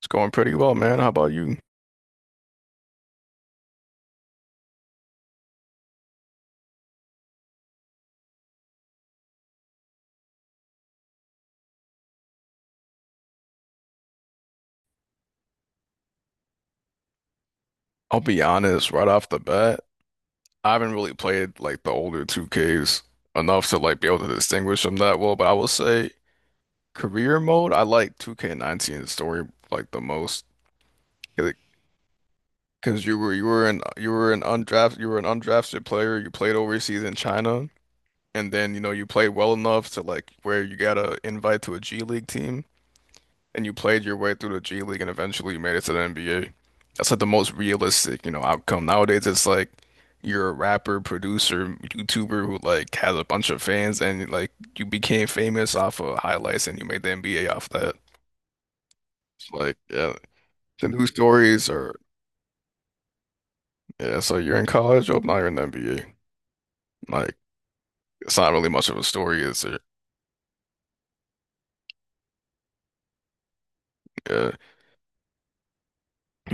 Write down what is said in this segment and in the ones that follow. It's going pretty well, man. How about you? I'll be honest, right off the bat, I haven't really played like the older 2Ks enough to like be able to distinguish them that well, but I will say career mode, I like 2K19 story the most because you were an undrafted player. You played overseas in China, and then you played well enough to like where you got a invite to a G League team. And you played your way through the G League and eventually you made it to the NBA. That's like the most realistic, you know, outcome. Nowadays, it's like you're a rapper, producer, YouTuber who like has a bunch of fans and like you became famous off of highlights and you made the NBA off that. It's like, yeah, the news stories are, yeah, so you're in college, oh, now you're in the NBA. Like, it's not really much of a story, is it? Yeah.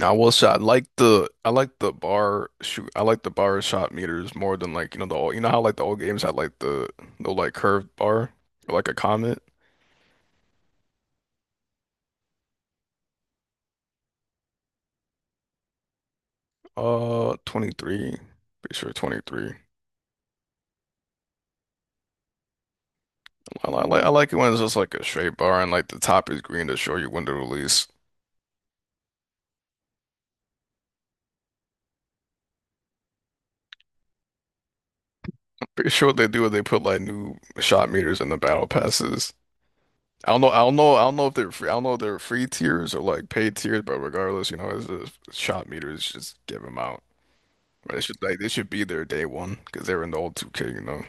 I will say I like the bar shot meters more than the old, you know how like the old games had like the like curved bar or like a comet 23. Pretty sure 23. I like it when it's just like a straight bar and like the top is green to show you when to release. Pretty sure what they do is they put like new shot meters in the battle passes. I don't know if they're free tiers or like paid tiers. But regardless, it's just shot meters, just give them out. They should be there day one because they're in the old 2K.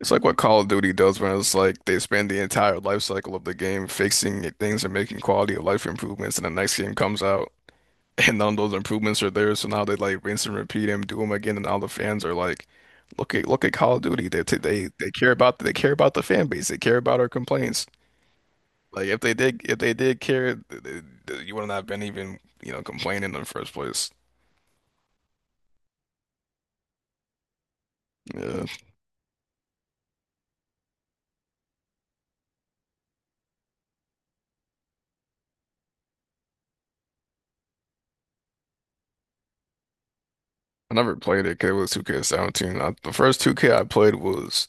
It's like what Call of Duty does when it's like they spend the entire life cycle of the game things and making quality of life improvements, and the next game comes out, and none of those improvements are there. So now they like rinse and repeat and do them again, and all the fans are like, "Look at Call of Duty. They care about the fan base. They care about our complaints. Like if they did care, you wouldn't have been even complaining in the first place." Yeah. I never played it 'cause it was 2K17. The first 2K I played was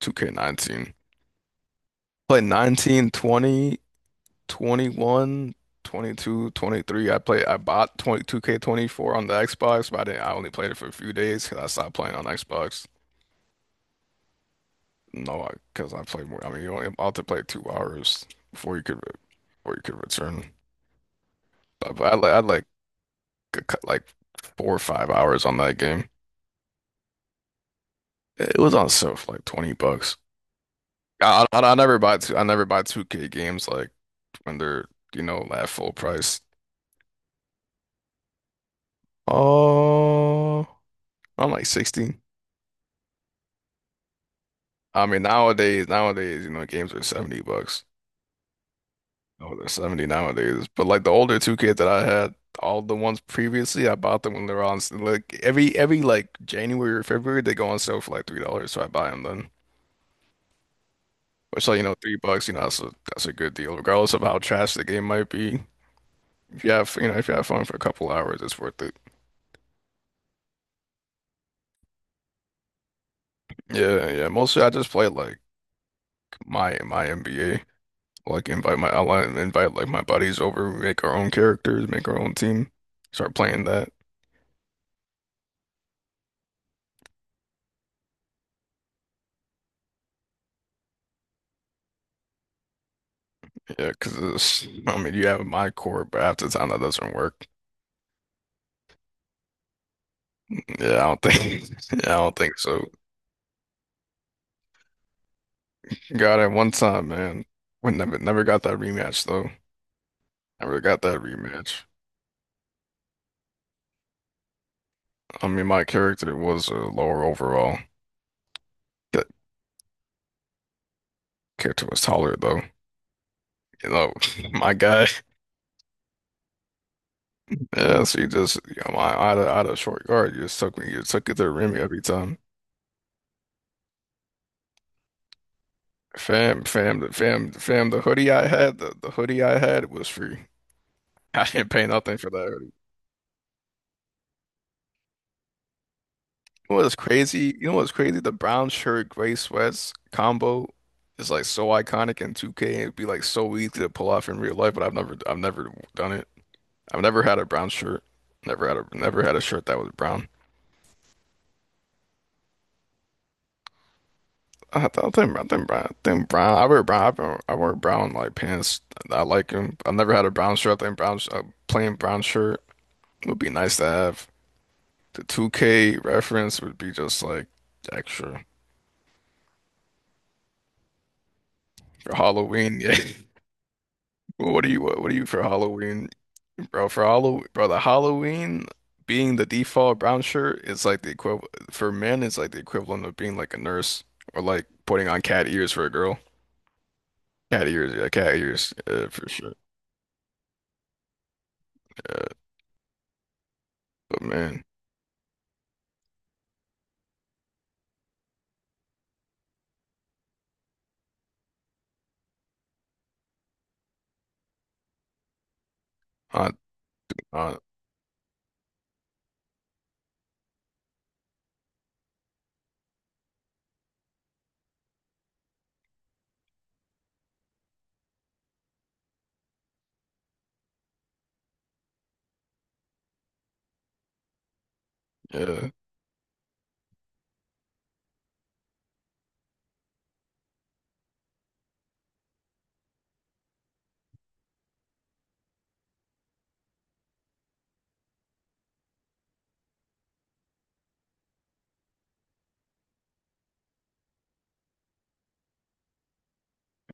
2K19. Played 19, 20, 21, 22, 23. I bought 22 k 24 on the Xbox, but I didn't, I only played it for a few days 'cause I stopped playing on Xbox. No, because 'cause I played more. I mean, you only about to play 2 hours before you could return. But I like 4 or 5 hours on that game. It was on sale for like 20 bucks. I never buy two, I never buy 2K games like when they're at full price. Oh, I'm like 16. I mean nowadays, games are 70 bucks. Oh, they're 70 nowadays. But like the older 2K that I had, all the ones previously, I bought them when they were like every like January or February they go on sale for like $3, so I buy them then. Which like 3 bucks, you know that's a good deal, regardless of how trash the game might be. If you have you know if you have fun for a couple hours, it's worth it. Yeah, yeah. Mostly I just play like my NBA. Like invite my ally like invite like my buddies over, we make our own characters, make our own team, start playing that. Yeah, 'cause it's, I mean, you have my core, but half the time that doesn't work. Yeah, I don't think yeah, I don't think so. Got it one time, man. We never got that rematch though. Never got that rematch. I mean my character was lower overall. That character was taller though. You know, my guy. Yeah, so you just, out of, short guard, you just took me, you took it to the rim every time. Fam, fam, the fam, fam. The the, hoodie I had was free. I didn't pay nothing for that hoodie. You know what's crazy? The brown shirt, gray sweats combo is like so iconic in 2K. It'd be like so easy to pull off in real life, but I've never done it. I've never had a brown shirt. Never had a shirt that was brown. I think brown, I wear brown. I wear brown like pants. I like them. I never had a brown shirt. I think a plain brown shirt would be nice to have. The 2K reference would be just like extra for Halloween. Yeah. Well, What are you for Halloween, bro? For Halloween, bro. The Halloween being the default brown shirt is like the equivalent for men. It's like the equivalent of being like a nurse or like putting on cat ears for a girl. Cat ears, yeah, for sure. Yeah, but man. I Uh, yeah,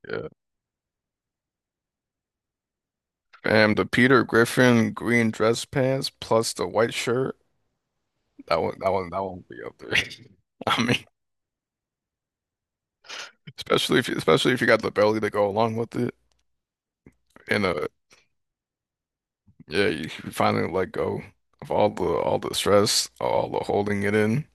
yeah. Fam, the Peter Griffin green dress pants plus the white shirt. That one will be up there. I mean, especially if you got the belly to go along with it, and yeah, you can finally let go of all the stress, all the holding it in.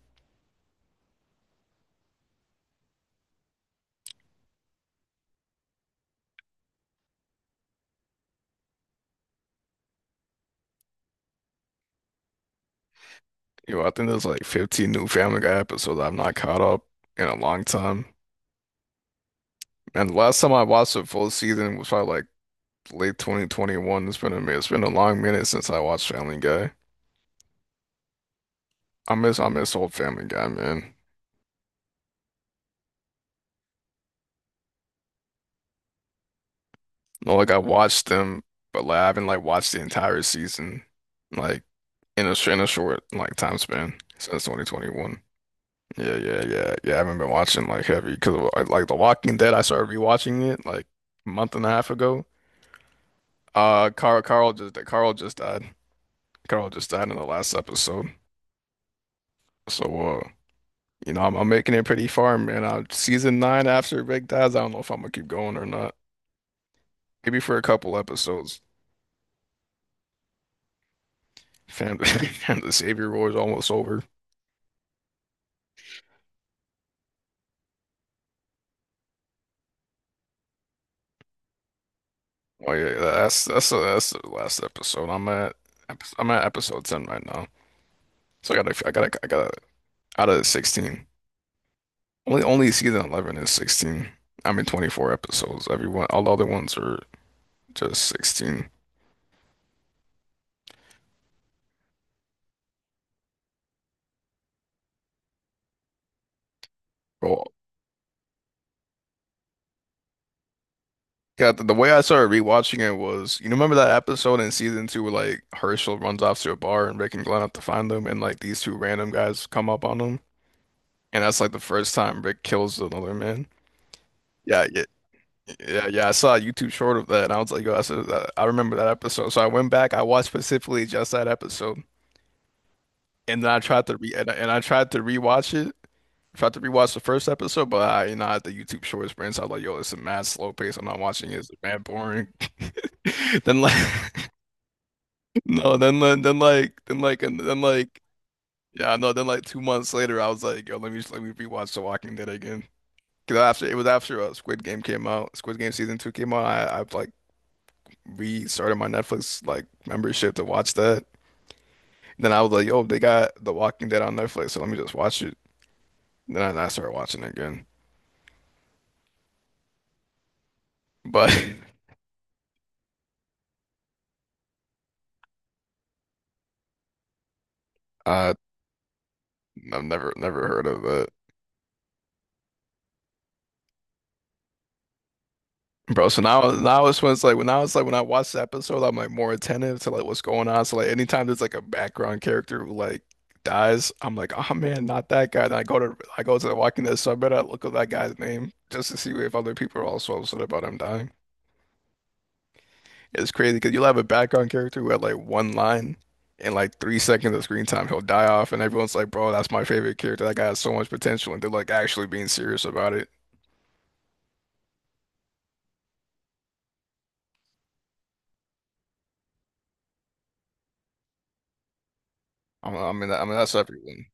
Yo, I think there's like 15 new Family Guy episodes I've not caught up in a long time. And the last time I watched a full season was probably like late 2021. It's been a minute. It's been a long minute since I watched Family Guy. I miss old Family Guy, man. No, like I watched them, but like I haven't like watched the entire season, like in a short like time span since 2021. Yeah, yeah, yeah, yeah. I haven't been watching like heavy because like, The Walking Dead. I started rewatching it like a month and a half ago. Carl just died. Carl just died in the last episode. So uh, I'm making it pretty far, man. Season nine after Rick dies, I don't know if I'm gonna keep going or not. Maybe for a couple episodes. Phantom Savior War is almost over. Oh yeah, yeah, that's the last episode. I'm at episode 10 right now. So I gotta, out of the 16. Only season 11 is 16. I mean 24 episodes. Everyone all the other ones are just 16. Well, yeah. The way I started rewatching it was, you remember that episode in season two where like Herschel runs off to a bar and Rick and Glenn have to find them and like these two random guys come up on them, and that's like the first time Rick kills another man. Yeah, yeah. Yeah, yeah, I saw a YouTube short of that, and I was like, "Yo, I remember that episode." So I went back, I watched specifically just that episode, and then I tried to re and I, tried to rewatch the first episode, but I had the YouTube Shorts brand, so I was like, "Yo, it's a mad slow pace. I'm not watching it. It's mad boring." Then like, no, then like and then like yeah, no, then like 2 months later, I was like, "Yo, let me rewatch The Walking Dead again." Because after it was after Squid Game season two came out. I like. Restarted my Netflix like membership to watch that. Then I was like, yo, they got The Walking Dead on Netflix, so let me just watch it. Then I started watching it again. But uh, I've never heard of it. Bro, so now, it's when it's like when now it's like when I watch the episode, I'm like more attentive to like what's going on. So like anytime there's like a background character who like dies, I'm like, oh man, not that guy. Then I go to The Walking Dead, so I better look up that guy's name just to see if other people are also upset about him dying. It's crazy because you'll have a background character who had like one line and like 3 seconds of screen time, he'll die off, and everyone's like, "Bro, that's my favorite character. That guy has so much potential," and they're like actually being serious about it. I mean that's everyone.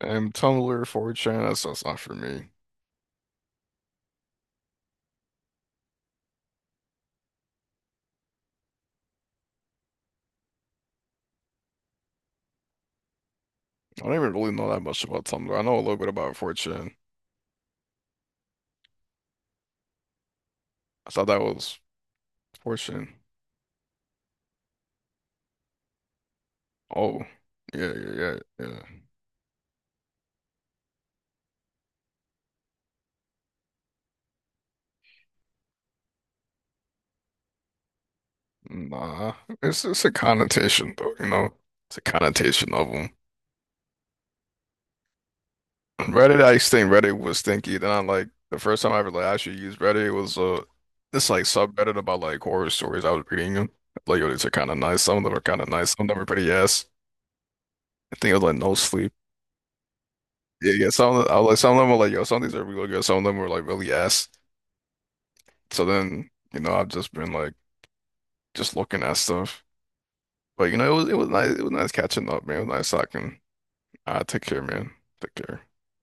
And Tumblr, 4chan, that's not for me. I don't even really know that much about Tumblr. I know a little bit about 4chan. I thought that was 4chan. Oh, yeah, yeah, yeah, yeah. Nah, it's a connotation though, It's a connotation of them. Reddit, I used to think Reddit was stinky. Then I, like, the first time I ever like actually used Reddit was this like subreddit about like horror stories I was reading them. Like yo, these are kind of nice. Some of them are kind of nice. Some of them are pretty ass. I think it was like No Sleep. Yeah, yeah. Some of them were like, yo, some of these are really good. Some of them were like really ass. So then I've just been like just looking at stuff. But it was, it was nice. It was nice catching up, man. It was nice talking. I take care, man. Take care.